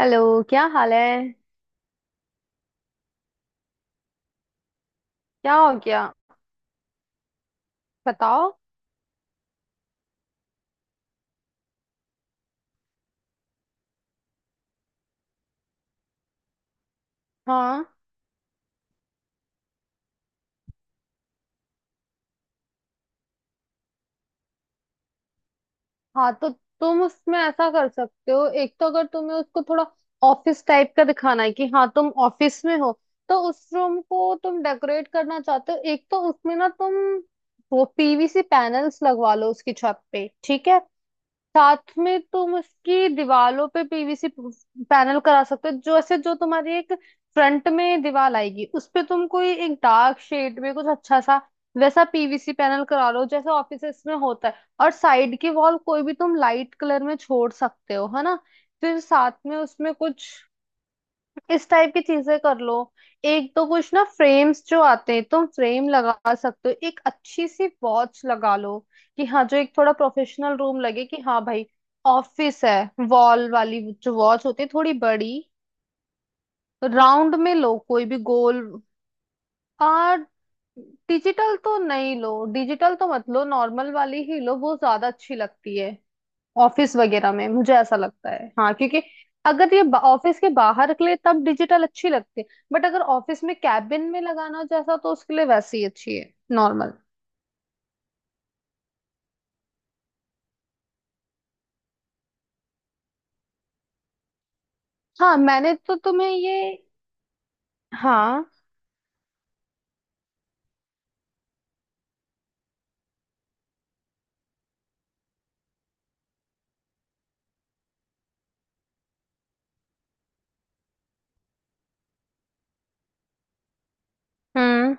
Hello. क्या हाल है? क्या हो गया? बताओ। हाँ। हाँ, तो तुम उसमें ऐसा कर सकते हो, एक तो अगर तुम्हें उसको थोड़ा ऑफिस टाइप का दिखाना है कि हाँ तुम ऑफिस में हो, तो उस रूम को तुम डेकोरेट करना चाहते हो। एक तो उसमें ना तुम वो पीवीसी पैनल्स लगवा लो उसकी छत पे, ठीक है। साथ में तुम उसकी दीवालों पे पीवीसी पैनल करा सकते हो, जो ऐसे जो तुम्हारी एक फ्रंट में दीवार आएगी उस पे तुम कोई एक डार्क शेड में कुछ अच्छा सा वैसा पीवीसी पैनल करा लो जैसे ऑफिसेस में होता है। और साइड की वॉल कोई भी तुम लाइट कलर में छोड़ सकते हो, है ना। फिर साथ में उसमें कुछ इस टाइप की चीजें कर लो। एक तो कुछ ना फ्रेम्स जो आते हैं तुम फ्रेम लगा सकते हो, एक अच्छी सी वॉच लगा लो कि हाँ जो एक थोड़ा प्रोफेशनल रूम लगे कि हाँ भाई ऑफिस है। वॉल वाली जो वॉच होती है थोड़ी बड़ी, राउंड में लो कोई भी गोल। और डिजिटल तो नहीं लो, डिजिटल तो मत लो, नॉर्मल वाली ही लो, वो ज्यादा अच्छी लगती है ऑफिस वगैरह में मुझे ऐसा लगता है। हाँ, क्योंकि अगर ये ऑफिस के बाहर के लिए तब डिजिटल अच्छी लगती है, बट अगर ऑफिस में कैबिन में लगाना जैसा तो उसके लिए वैसी ही अच्छी है नॉर्मल। हाँ मैंने तो तुम्हें ये। हाँ। हम्म।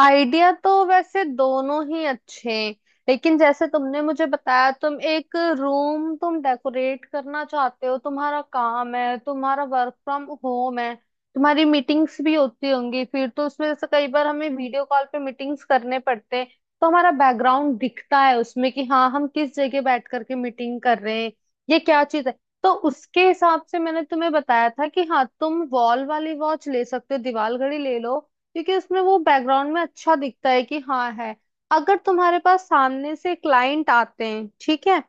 आइडिया तो वैसे दोनों ही अच्छे हैं, लेकिन जैसे तुमने मुझे बताया तुम एक रूम तुम डेकोरेट करना चाहते हो, तुम्हारा काम है, तुम्हारा वर्क फ्रॉम होम है। तुम्हारी मीटिंग्स भी होती होंगी फिर तो उसमें, जैसे कई बार हमें वीडियो कॉल पे मीटिंग्स करने पड़ते हैं तो हमारा बैकग्राउंड दिखता है उसमें कि हाँ हम किस जगह बैठ करके मीटिंग कर रहे हैं, ये क्या चीज है। तो उसके हिसाब से मैंने तुम्हें बताया था कि हाँ तुम वॉल वाली वॉच ले सकते हो, दीवार घड़ी ले लो, क्योंकि उसमें वो बैकग्राउंड में अच्छा दिखता है कि हाँ है। अगर तुम्हारे पास सामने से क्लाइंट आते हैं ठीक है,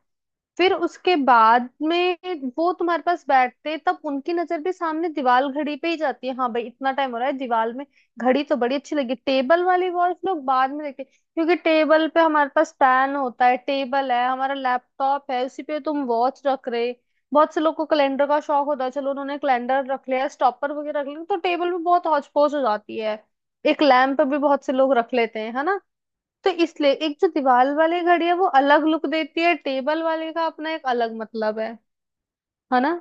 फिर उसके बाद में वो तुम्हारे पास बैठते तब उनकी नजर भी सामने दीवार घड़ी पे ही जाती है, हाँ भाई इतना टाइम हो रहा है, दीवार में घड़ी तो बड़ी अच्छी लगी। टेबल वाली वॉच लोग बाद में देखते हैं, क्योंकि टेबल पे हमारे पास पेन होता है, टेबल है, हमारा लैपटॉप है, उसी पे तुम वॉच रख रहे। बहुत से लोग को कैलेंडर का शौक होता है, चलो उन्होंने कैलेंडर रख लिया, स्टॉपर वगैरह रख लिया, तो टेबल में बहुत हौच पौच हो जाती है। एक लैंप भी बहुत से लोग रख लेते हैं, है ना। तो इसलिए एक जो दीवार वाली घड़ी है वो अलग लुक देती है, टेबल वाले का अपना एक अलग मतलब है ना।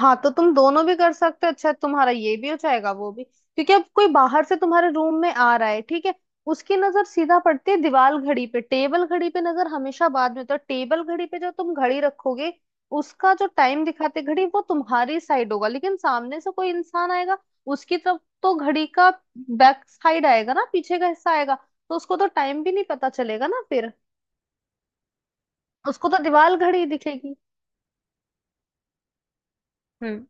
हाँ तो तुम दोनों भी कर सकते हो, अच्छा तुम्हारा ये भी हो जाएगा वो भी, क्योंकि अब कोई बाहर से तुम्हारे रूम में आ रहा है ठीक है, उसकी नजर सीधा पड़ती है दीवार घड़ी पे, टेबल घड़ी पे नजर हमेशा बाद में, तो टेबल घड़ी पे जो तुम घड़ी रखोगे उसका जो टाइम दिखाते घड़ी वो तुम्हारी साइड होगा, लेकिन सामने से कोई इंसान आएगा उसकी तरफ तो घड़ी का बैक साइड आएगा ना, पीछे का हिस्सा आएगा। तो उसको तो टाइम भी नहीं पता चलेगा ना फिर, उसको तो दीवार घड़ी दिखेगी। हम्म।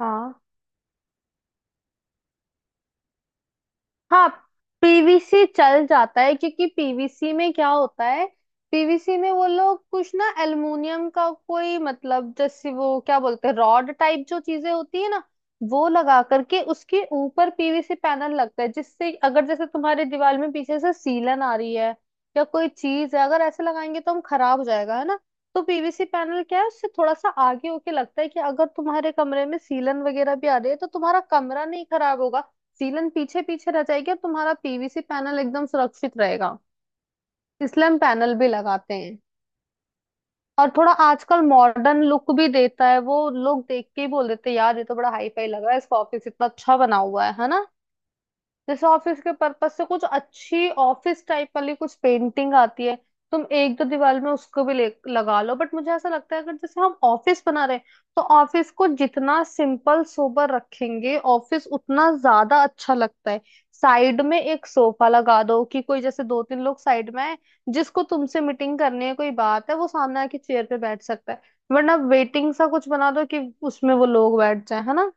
हाँ। हाँ, पीवीसी चल जाता है, क्योंकि पीवीसी में क्या होता है, पीवीसी में वो लोग कुछ ना एल्युमिनियम का कोई मतलब जैसे वो क्या बोलते हैं रॉड टाइप जो चीजें होती है ना, वो लगा करके उसके ऊपर पीवीसी पैनल लगता है, जिससे अगर जैसे तुम्हारे दीवार में पीछे से सीलन आ रही है या कोई चीज है अगर ऐसे लगाएंगे तो हम खराब हो जाएगा, है ना। तो पीवीसी पैनल क्या है, उससे थोड़ा सा आगे होके लगता है कि अगर तुम्हारे कमरे में सीलन वगैरह भी आ रही है तो तुम्हारा कमरा नहीं खराब होगा, सीलन पीछे पीछे रह जाएगी और तुम्हारा पीवीसी पैनल एकदम सुरक्षित रहेगा। इसलिए हम पैनल भी लगाते हैं, और थोड़ा आजकल मॉडर्न लुक भी देता है। वो लोग देख के ही बोल देते हैं यार ये तो बड़ा हाई फाई लग रहा है, इसका ऑफिस इतना अच्छा बना हुआ है ना। जैसे ऑफिस के पर्पस से कुछ अच्छी ऑफिस टाइप वाली कुछ पेंटिंग आती है, तुम एक दो दीवार में उसको भी ले लगा लो, बट मुझे ऐसा लगता है अगर जैसे हम ऑफिस बना रहे हैं तो ऑफिस को जितना सिंपल सोबर रखेंगे ऑफिस उतना ज्यादा अच्छा लगता है। साइड में एक सोफा लगा दो कि कोई जैसे दो तीन लोग साइड में है, जिसको तुमसे मीटिंग करनी है कोई बात है वो सामने आके चेयर पे बैठ सकता है, वरना वेटिंग सा कुछ बना दो कि उसमें वो लोग बैठ जाए, है ना।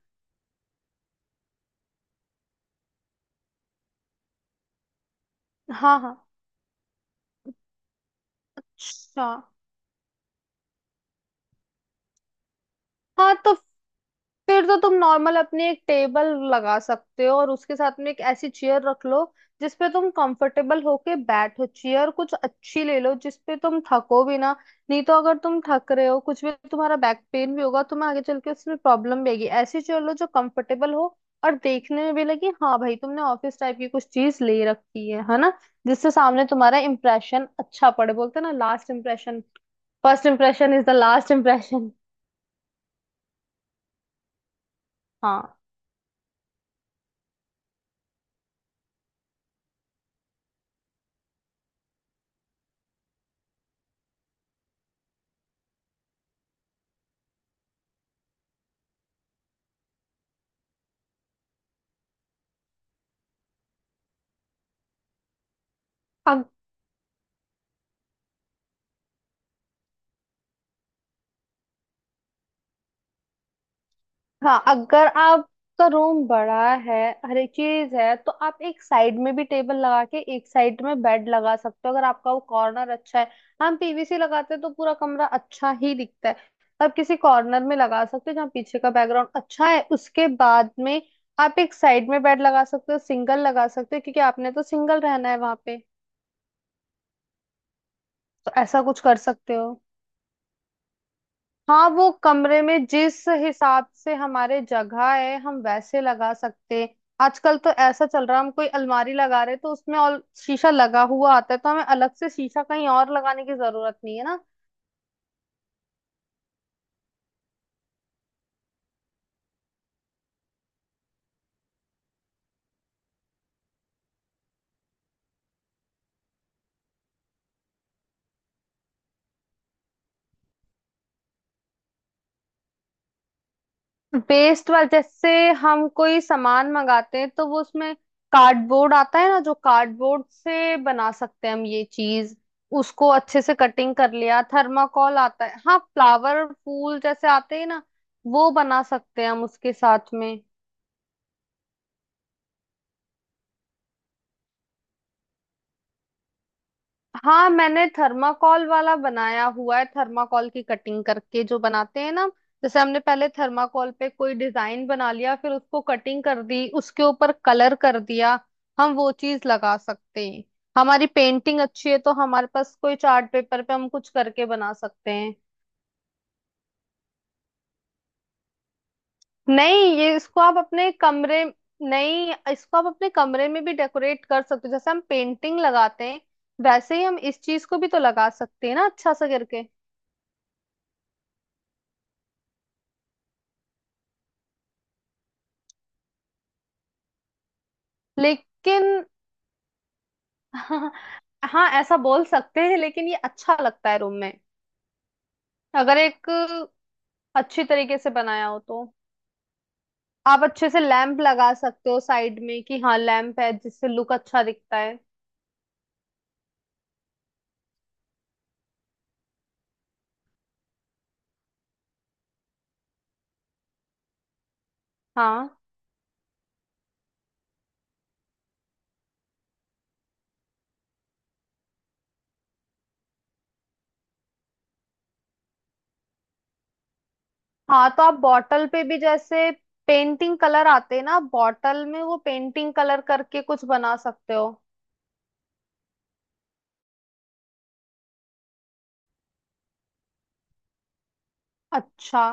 हाँ हाँ। अच्छा। हाँ तो फिर तो तुम नॉर्मल अपनी एक टेबल लगा सकते हो, और उसके साथ में एक ऐसी चेयर रख लो जिसपे तुम कंफर्टेबल होके बैठो, चेयर कुछ अच्छी ले लो जिसपे तुम थको भी ना, नहीं तो अगर तुम थक रहे हो कुछ भी तुम्हारा बैक पेन भी होगा, तुम्हें आगे चल के उसमें प्रॉब्लम भी आएगी। ऐसी चेयर लो जो कंफर्टेबल हो और देखने में भी लगे हाँ भाई तुमने ऑफिस टाइप की कुछ चीज ले रखी है ना, जिससे सामने तुम्हारा इम्प्रेशन अच्छा पड़े। बोलते हैं ना last impression, first impression is the last impression. हाँ। हाँ, अगर आपका रूम बड़ा है, हर एक चीज है, तो आप एक साइड में भी टेबल लगा के एक साइड में बेड लगा सकते हो, अगर आपका वो कॉर्नर अच्छा है। हम पीवीसी लगाते हैं तो पूरा कमरा अच्छा ही दिखता है, आप किसी कॉर्नर में लगा सकते हो जहाँ पीछे का बैकग्राउंड अच्छा है। उसके बाद में आप एक साइड में बेड लगा सकते हो, सिंगल लगा सकते हो, क्योंकि आपने तो सिंगल रहना है वहां पे। तो ऐसा कुछ कर सकते हो। हाँ, वो कमरे में जिस हिसाब से हमारे जगह है हम वैसे लगा सकते हैं। आजकल तो ऐसा चल रहा है हम कोई अलमारी लगा रहे हैं, तो उसमें और शीशा लगा हुआ आता है, तो हमें अलग से शीशा कहीं और लगाने की जरूरत नहीं, है ना। वेस्ट वाला जैसे हम कोई सामान मंगाते हैं तो वो उसमें कार्डबोर्ड आता है ना, जो कार्डबोर्ड से बना सकते हैं हम ये चीज, उसको अच्छे से कटिंग कर लिया। थर्माकोल आता है, हाँ फ्लावर फूल जैसे आते हैं ना, वो बना सकते हैं हम उसके साथ में। हाँ, मैंने थर्माकोल वाला बनाया हुआ है, थर्माकोल की कटिंग करके जो बनाते हैं ना, जैसे हमने पहले थर्माकोल पे कोई डिजाइन बना लिया फिर उसको कटिंग कर दी, उसके ऊपर कलर कर दिया। हम वो चीज लगा सकते हैं। हमारी पेंटिंग अच्छी है तो हमारे पास कोई चार्ट पेपर पे हम कुछ करके बना सकते हैं। नहीं ये इसको आप अपने कमरे, नहीं इसको आप अपने कमरे में भी डेकोरेट कर सकते हो, जैसे हम पेंटिंग लगाते हैं वैसे ही हम इस चीज को भी तो लगा सकते हैं ना अच्छा सा करके। लेकिन हाँ। हाँ ऐसा बोल सकते हैं, लेकिन ये अच्छा लगता है रूम में अगर एक अच्छी तरीके से बनाया हो तो। आप अच्छे से लैंप लगा सकते हो साइड में कि हाँ लैंप है, जिससे लुक अच्छा दिखता है। हाँ। हाँ तो आप बॉटल पे भी जैसे पेंटिंग कलर आते हैं ना बॉटल में, वो पेंटिंग कलर करके कुछ बना सकते हो। अच्छा।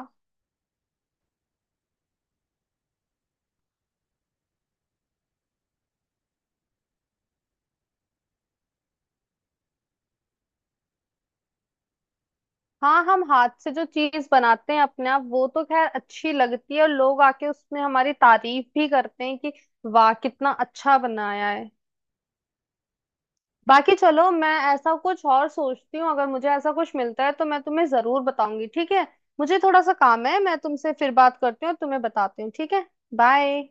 हाँ, हम हाथ से जो चीज बनाते हैं अपने आप वो तो खैर अच्छी लगती है, और लोग आके उसमें हमारी तारीफ भी करते हैं कि वाह कितना अच्छा बनाया है। बाकी चलो मैं ऐसा कुछ और सोचती हूँ, अगर मुझे ऐसा कुछ मिलता है तो मैं तुम्हें जरूर बताऊंगी ठीक है। मुझे थोड़ा सा काम है, मैं तुमसे फिर बात करती हूँ और तुम्हें बताती हूँ ठीक है। बाय।